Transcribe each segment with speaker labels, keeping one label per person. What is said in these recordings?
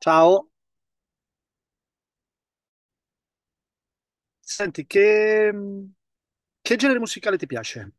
Speaker 1: Ciao, senti, che genere musicale ti piace?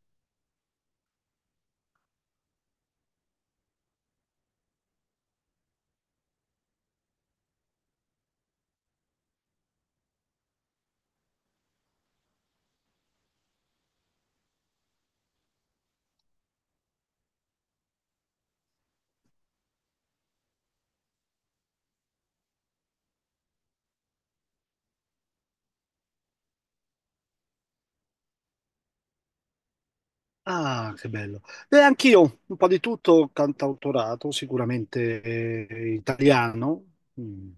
Speaker 1: Ah, che bello. E anch'io, un po' di tutto, cantautorato, sicuramente italiano, mm,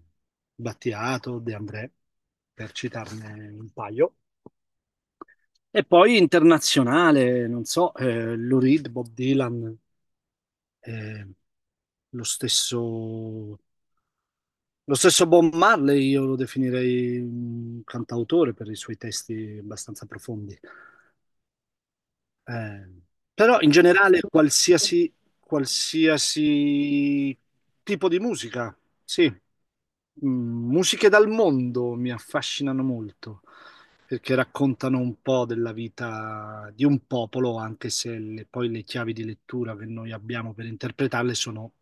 Speaker 1: Battiato, De André, per citarne un paio. E poi internazionale, non so, Lou Reed, Bob Dylan, eh, lo stesso, lo stesso Bob Marley, io lo definirei un cantautore per i suoi testi abbastanza profondi. Eh, però in generale qualsiasi tipo di musica, sì. Musiche dal mondo mi affascinano molto perché raccontano un po' della vita di un popolo, anche se poi le chiavi di lettura che noi abbiamo per interpretarle sono,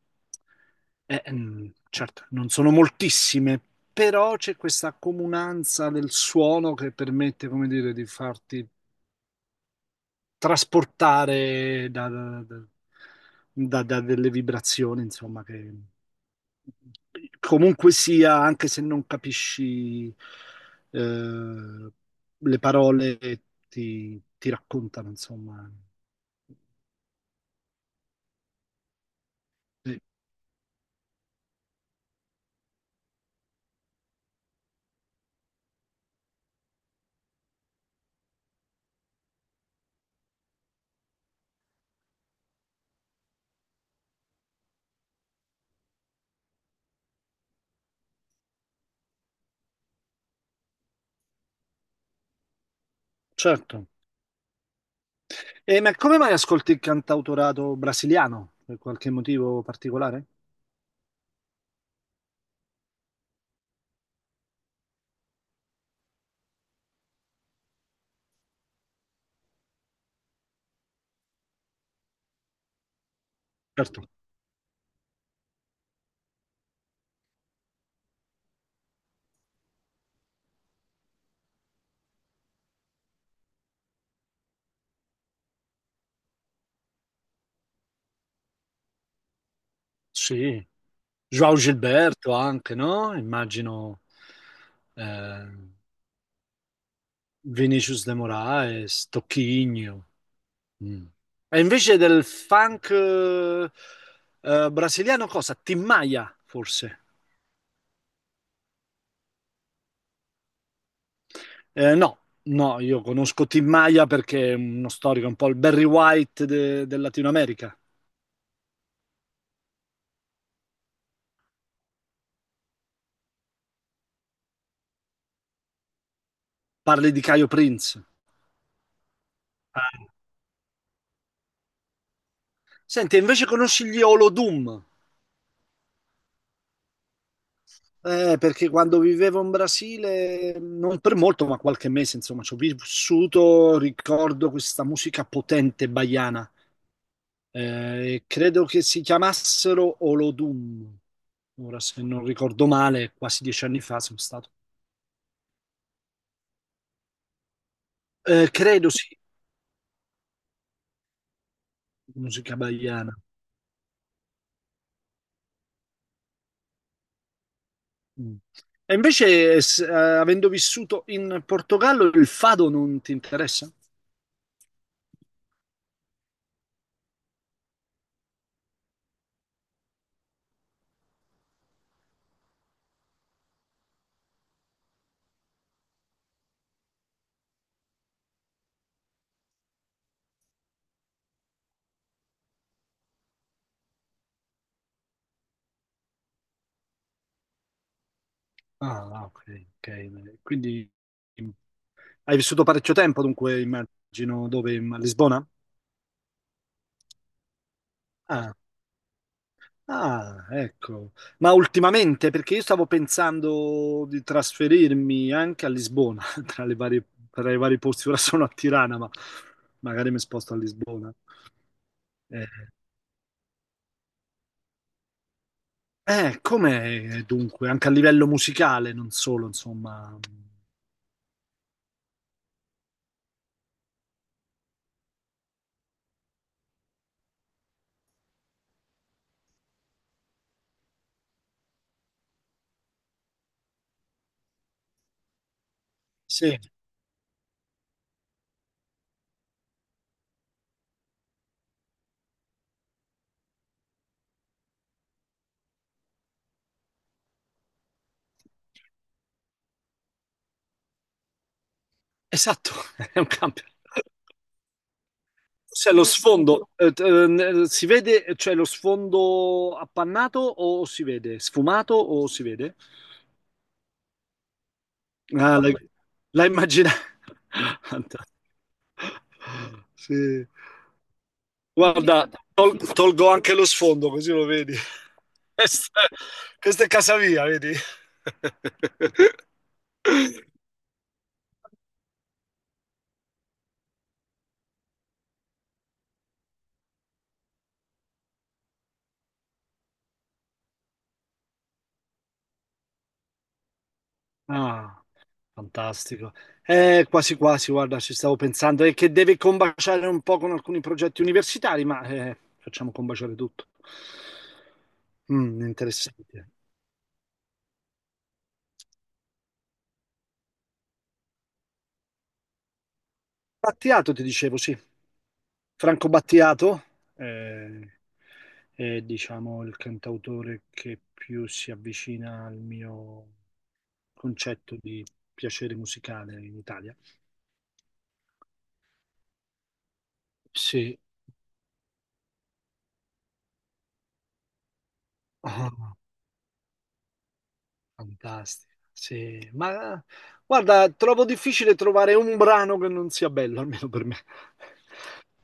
Speaker 1: certo, non sono moltissime, però c'è questa comunanza del suono che permette, come dire, di farti trasportare da delle vibrazioni, insomma, che comunque sia, anche se non capisci eh, le parole, ti raccontano, insomma. Sì, certo. E ma come mai ascolti il cantautorato brasiliano? Per qualche motivo particolare? Certo, sì. João Gilberto anche, no? Immagino. eh, Vinicius de Moraes, Tocchigno. Mm. E invece del funk brasiliano cosa? Tim Maia, forse? No, no, io conosco Tim Maia perché è uno storico, un po' il Barry White del Latino America. Parli di Caio Prince. Ah, senti, invece conosci gli Olodum? Perché quando vivevo in Brasile, non per molto, ma qualche mese, insomma, ci ho vissuto, ricordo questa musica potente baiana. Credo che si chiamassero Olodum. Ora, se non ricordo male, quasi 10 anni fa sono stato. Credo sì, musica baiana. Mm. E invece, avendo vissuto in Portogallo, il fado non ti interessa? Ah, ok, ok. Quindi mm, hai vissuto parecchio tempo, dunque immagino dove? A Lisbona? Ah, ah, ecco. Ma ultimamente, perché io stavo pensando di trasferirmi anche a Lisbona, tra le varie, tra i vari posti, ora sono a Tirana, ma magari mi sposto a Lisbona. Eh, com'è dunque, anche a livello musicale, non solo, insomma. Sì, esatto, è un cambio. Cioè, lo sfondo, si vede, cioè lo sfondo appannato o si vede? Sfumato o si vede? Ah, l'hai immaginato? Sì. Guarda, tolgo anche lo sfondo così lo vedi. Questa, questa è casa mia, vedi? Ah, fantastico. Quasi quasi, guarda, ci stavo pensando. È che deve combaciare un po' con alcuni progetti universitari, ma facciamo combaciare tutto. Mm, interessante. Battiato, ti dicevo, sì. Franco Battiato eh, è, diciamo, il cantautore che più si avvicina al mio concetto di piacere musicale in Italia. Sì, ah, fantastico. Sì, ma guarda, trovo difficile trovare un brano che non sia bello, almeno per me.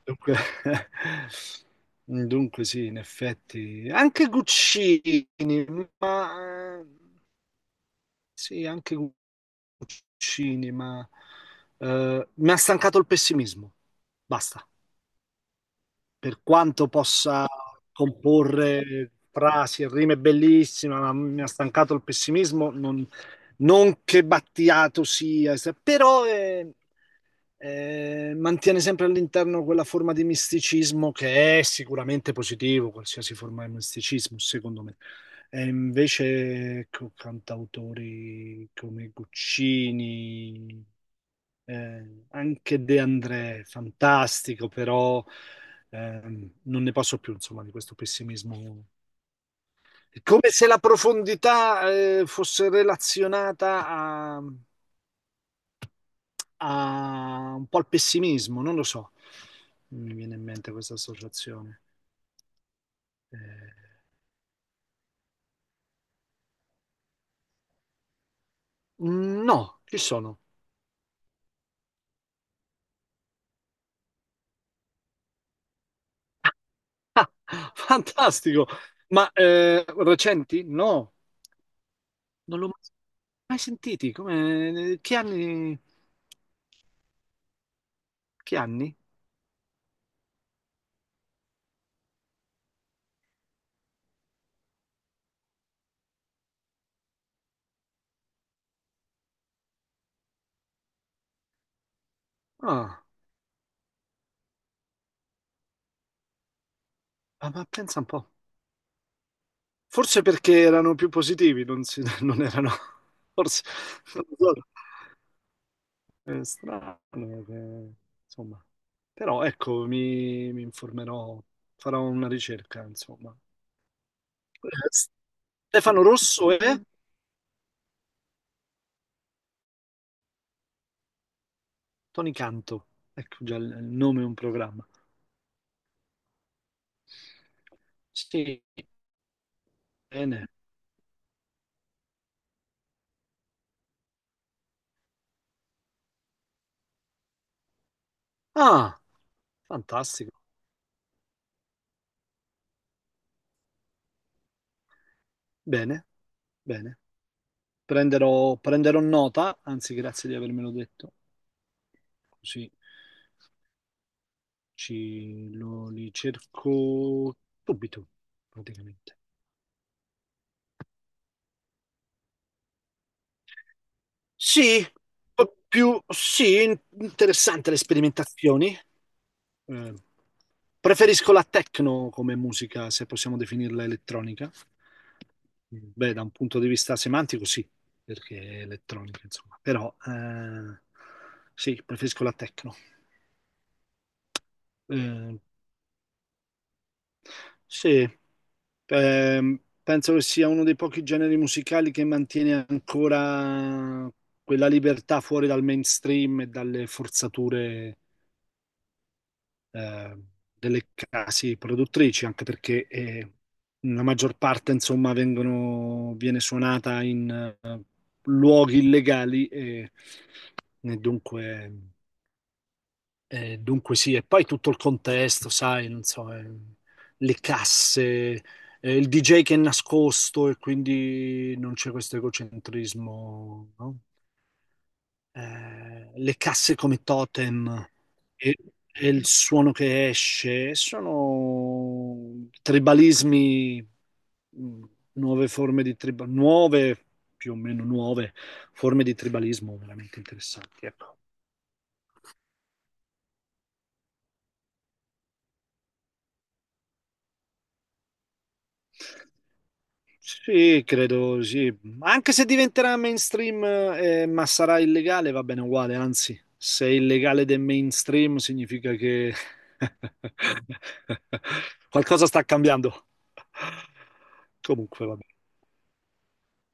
Speaker 1: Dunque, dunque sì, in effetti, anche Guccini, ma sì, anche cinema. Mi ha stancato il pessimismo. Basta. Per quanto possa comporre frasi e rime bellissime, ma mi ha stancato il pessimismo. Non che Battiato sia, però mantiene sempre all'interno quella forma di misticismo che è sicuramente positivo, qualsiasi forma di misticismo, secondo me. E invece, ecco, cantautori come Guccini. Anche De André, fantastico, però non ne posso più, insomma, di questo pessimismo. È come se la profondità fosse relazionata a un po' al pessimismo, non lo so. Mi viene in mente questa associazione. Eh, no, chi sono? Ah, fantastico! Ma recenti? No, non l'ho mai sentiti. Come? Che anni? Che anni? Ah. Ah, ma pensa un po'. Forse perché erano più positivi, non, si- non erano. Forse. Non lo so. È strano, che- insomma. Però ecco, mi informerò, farò una ricerca, insomma. Eh, Stefano Rosso e Tony Canto. Ecco già il nome è un programma. Sì, bene. Ah, fantastico. Bene, bene. Prenderò nota, anzi, grazie di avermelo detto. Così. Li cerco subito, praticamente. Sì, un po' più sì, interessante le sperimentazioni. Eh, Preferisco la techno come musica, se possiamo definirla elettronica. Beh, da un punto di vista semantico sì, perché è elettronica, insomma. Però sì, preferisco la techno. Eh, Sì, penso che sia uno dei pochi generi musicali che mantiene ancora quella libertà fuori dal mainstream e dalle forzature, eh, delle case produttrici, anche perché la maggior parte, insomma, vengono, viene suonata in luoghi illegali e dunque. Dunque sì, e poi tutto il contesto, sai, non so, le casse, il DJ che è nascosto e quindi non c'è questo egocentrismo, no? Le casse come totem e, e il suono che esce, sono tribalismi, mh, nuove forme di tribalismo, nuove, più o meno nuove forme di tribalismo veramente interessanti, ecco. Sì, credo sì. Anche se diventerà mainstream, ma sarà illegale, va bene uguale. Anzi, se è illegale del mainstream significa che qualcosa sta cambiando. Comunque, va bene.